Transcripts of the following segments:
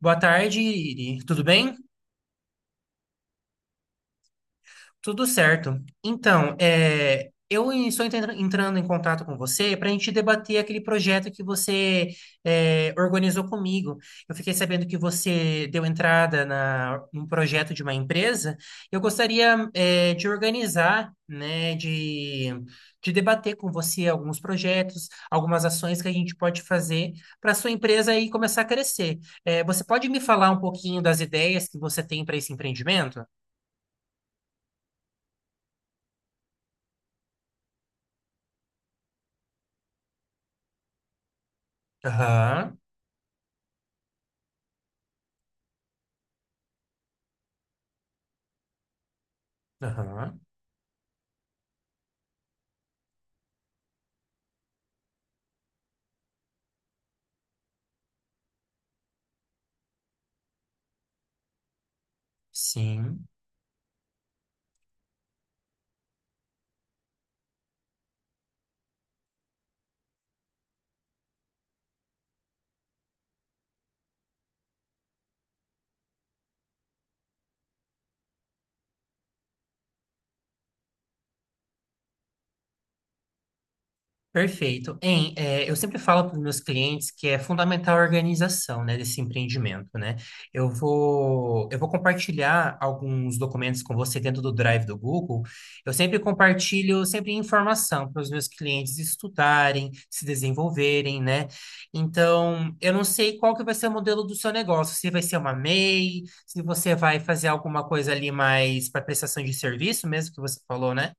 Boa tarde, Iri. Tudo bem? Tudo certo. Então, eu estou entrando em contato com você para a gente debater aquele projeto que você organizou comigo. Eu fiquei sabendo que você deu entrada num projeto de uma empresa. Eu gostaria de organizar, né, de debater com você alguns projetos, algumas ações que a gente pode fazer para a sua empresa aí começar a crescer. Você pode me falar um pouquinho das ideias que você tem para esse empreendimento? Aham. Aham, sim, perfeito. Eu sempre falo para os meus clientes que é fundamental a organização, né, desse empreendimento, né? Eu vou compartilhar alguns documentos com você dentro do Drive do Google. Eu sempre compartilho sempre informação para os meus clientes estudarem, se desenvolverem, né? Então, eu não sei qual que vai ser o modelo do seu negócio, se vai ser uma MEI, se você vai fazer alguma coisa ali mais para prestação de serviço mesmo que você falou, né?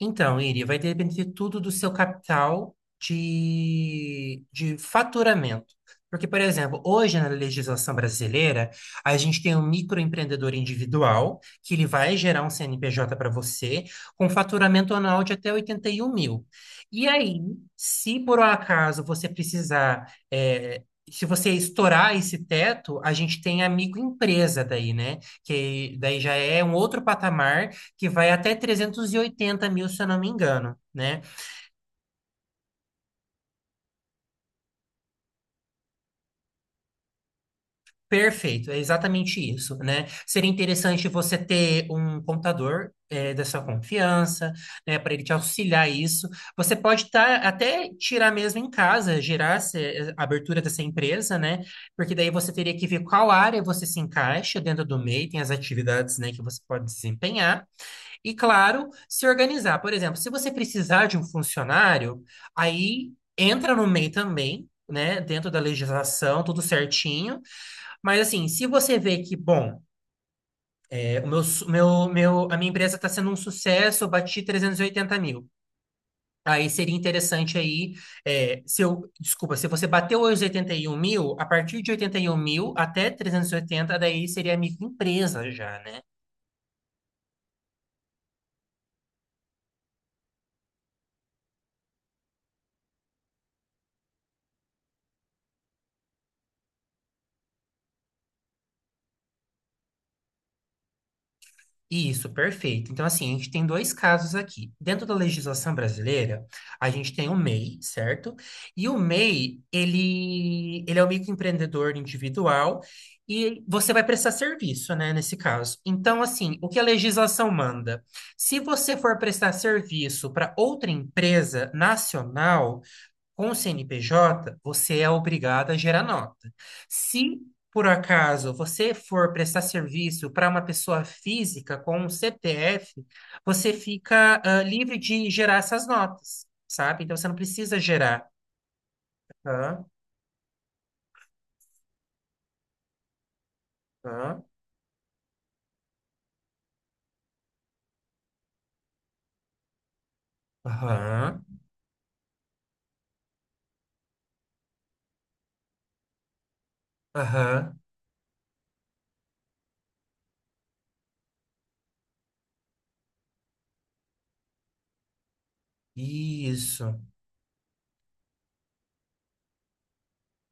Então, Iri, vai depender tudo do seu capital de faturamento. Porque, por exemplo, hoje na legislação brasileira, a gente tem um microempreendedor individual, que ele vai gerar um CNPJ para você, com faturamento anual de até 81 mil. E aí, se por um acaso você precisar, se você estourar esse teto, a gente tem a microempresa daí, né? Que daí já é um outro patamar que vai até 380 mil, se eu não me engano, né? Perfeito, é exatamente isso, né? Seria interessante você ter um contador da sua confiança, né? Para ele te auxiliar isso. Você pode tá, até tirar mesmo em casa, gerar a abertura dessa empresa, né? Porque daí você teria que ver qual área você se encaixa dentro do MEI, tem as atividades, né, que você pode desempenhar. E, claro, se organizar. Por exemplo, se você precisar de um funcionário, aí entra no MEI também, né? Dentro da legislação, tudo certinho. Mas, assim, se você vê que, bom, o meu, su- meu, a minha empresa está sendo um sucesso, eu bati 380 mil. Aí seria interessante aí, se eu, desculpa, se você bateu os 81 mil, a partir de 81 mil até 380, daí seria microempresa já, né? Isso, perfeito. Então, assim, a gente tem dois casos aqui. Dentro da legislação brasileira, a gente tem o MEI, certo? E o MEI, ele é o microempreendedor individual e você vai prestar serviço, né, nesse caso. Então, assim, o que a legislação manda? Se você for prestar serviço para outra empresa nacional, com o CNPJ, você é obrigado a gerar nota. Se por acaso você for prestar serviço para uma pessoa física com um CPF, você fica livre de gerar essas notas, sabe? Então você não precisa gerar. Aham, aham, aham, aham. Isso.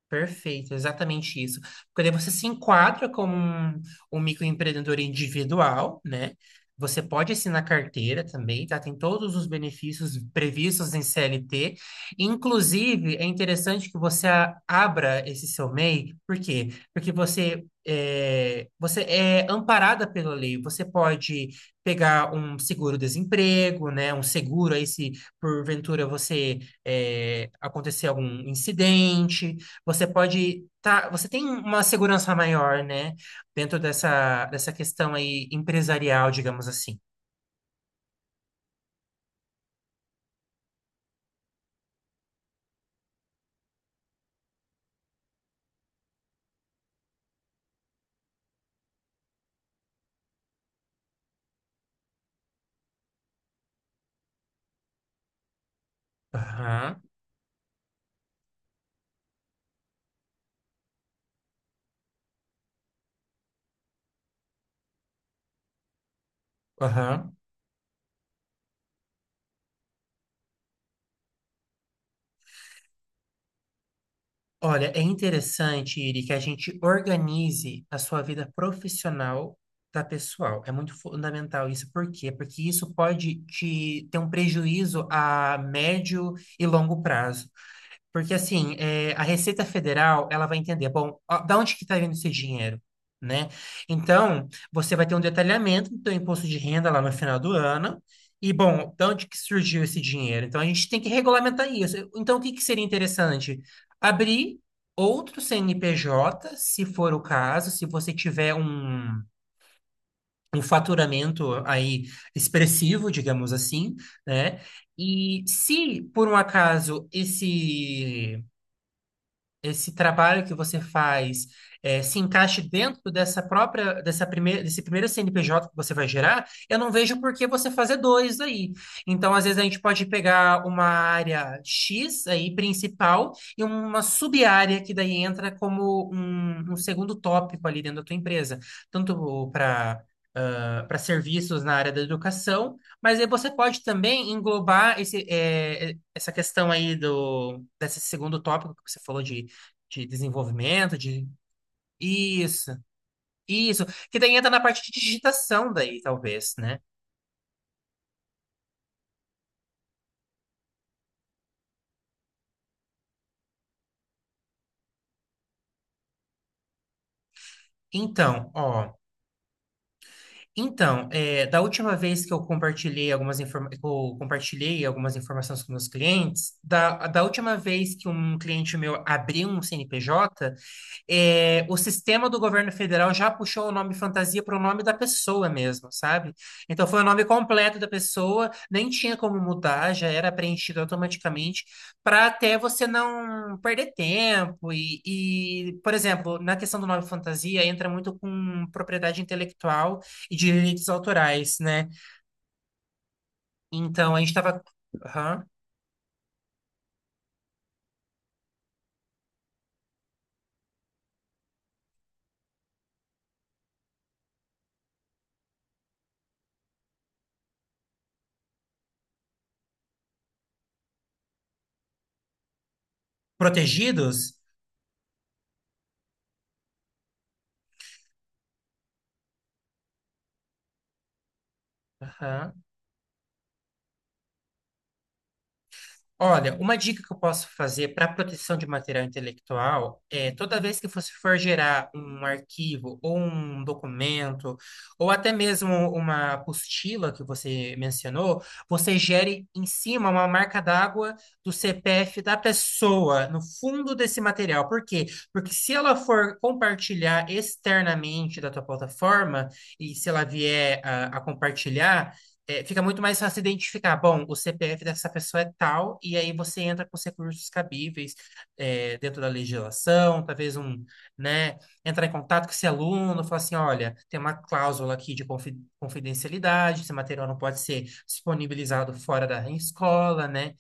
Perfeito, exatamente isso. Porque daí você se enquadra como um microempreendedor individual, né? Você pode assinar carteira também, tá? Tem todos os benefícios previstos em CLT. Inclusive, é interessante que você abra esse seu MEI, por quê? Porque você é amparada pela lei. Você pode pegar um seguro-desemprego, né? Um seguro aí se porventura você acontecer algum incidente você tem uma segurança maior, né, dentro dessa questão aí empresarial, digamos assim. Aham, aham. Olha, é interessante, Iri, que a gente organize a sua vida profissional da pessoal. É muito fundamental isso. Por quê? Porque isso pode te ter um prejuízo a médio e longo prazo. Porque assim, a Receita Federal, ela vai entender, bom, ó, da onde que está vindo esse dinheiro, né? Então, você vai ter um detalhamento do teu imposto de renda lá no final do ano, e bom, da onde que surgiu esse dinheiro? Então, a gente tem que regulamentar isso. Então, o que que seria interessante? Abrir outro CNPJ, se for o caso, se você tiver um faturamento aí expressivo, digamos assim, né? E se, por um acaso, esse trabalho que você faz se encaixe dentro dessa própria, dessa primeira, desse primeiro CNPJ que você vai gerar, eu não vejo por que você fazer dois aí. Então, às vezes, a gente pode pegar uma área X aí, principal, e uma sub-área que daí entra como um segundo tópico ali dentro da tua empresa, tanto para serviços na área da educação, mas aí você pode também englobar essa questão aí desse segundo tópico que você falou de desenvolvimento, de isso, isso, que daí entra na parte de digitação daí, talvez, né? Então, ó. Então, da última vez que eu compartilhei algumas informações com meus clientes, da última vez que um cliente meu abriu um CNPJ, o sistema do governo federal já puxou o nome fantasia para o nome da pessoa mesmo, sabe? Então foi o nome completo da pessoa, nem tinha como mudar, já era preenchido automaticamente, para até você não perder tempo. E, por exemplo, na questão do nome fantasia, entra muito com propriedade intelectual e direitos autorais, né? Então, a gente estava protegidos. Aham. Olha, uma dica que eu posso fazer para proteção de material intelectual é toda vez que você for gerar um arquivo ou um documento, ou até mesmo uma apostila que você mencionou, você gere em cima uma marca d'água do CPF da pessoa, no fundo desse material. Por quê? Porque se ela for compartilhar externamente da tua plataforma, e se ela vier a compartilhar fica muito mais fácil identificar. Bom, o CPF dessa pessoa é tal, e aí você entra com os recursos cabíveis, dentro da legislação, talvez um, né, entrar em contato com esse aluno, falar assim, olha, tem uma cláusula aqui de confidencialidade, esse material não pode ser disponibilizado fora da escola, né?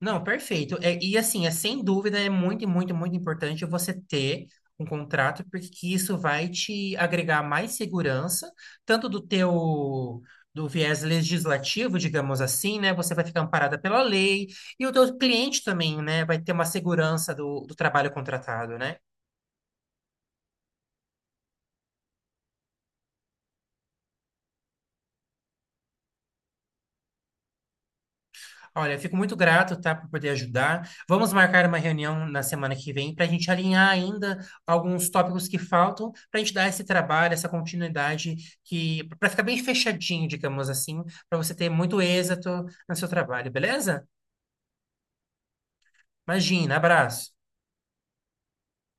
Não, perfeito. E assim, é sem dúvida, é muito, muito, muito importante você ter um contrato, porque que isso vai te agregar mais segurança, tanto do viés legislativo, digamos assim, né? Você vai ficar amparada pela lei, e o teu cliente também, né, vai ter uma segurança do trabalho contratado, né? Olha, fico muito grato, tá, por poder ajudar. Vamos marcar uma reunião na semana que vem para a gente alinhar ainda alguns tópicos que faltam, para a gente dar esse trabalho, essa continuidade, que para ficar bem fechadinho, digamos assim, para você ter muito êxito no seu trabalho, beleza? Imagina, abraço.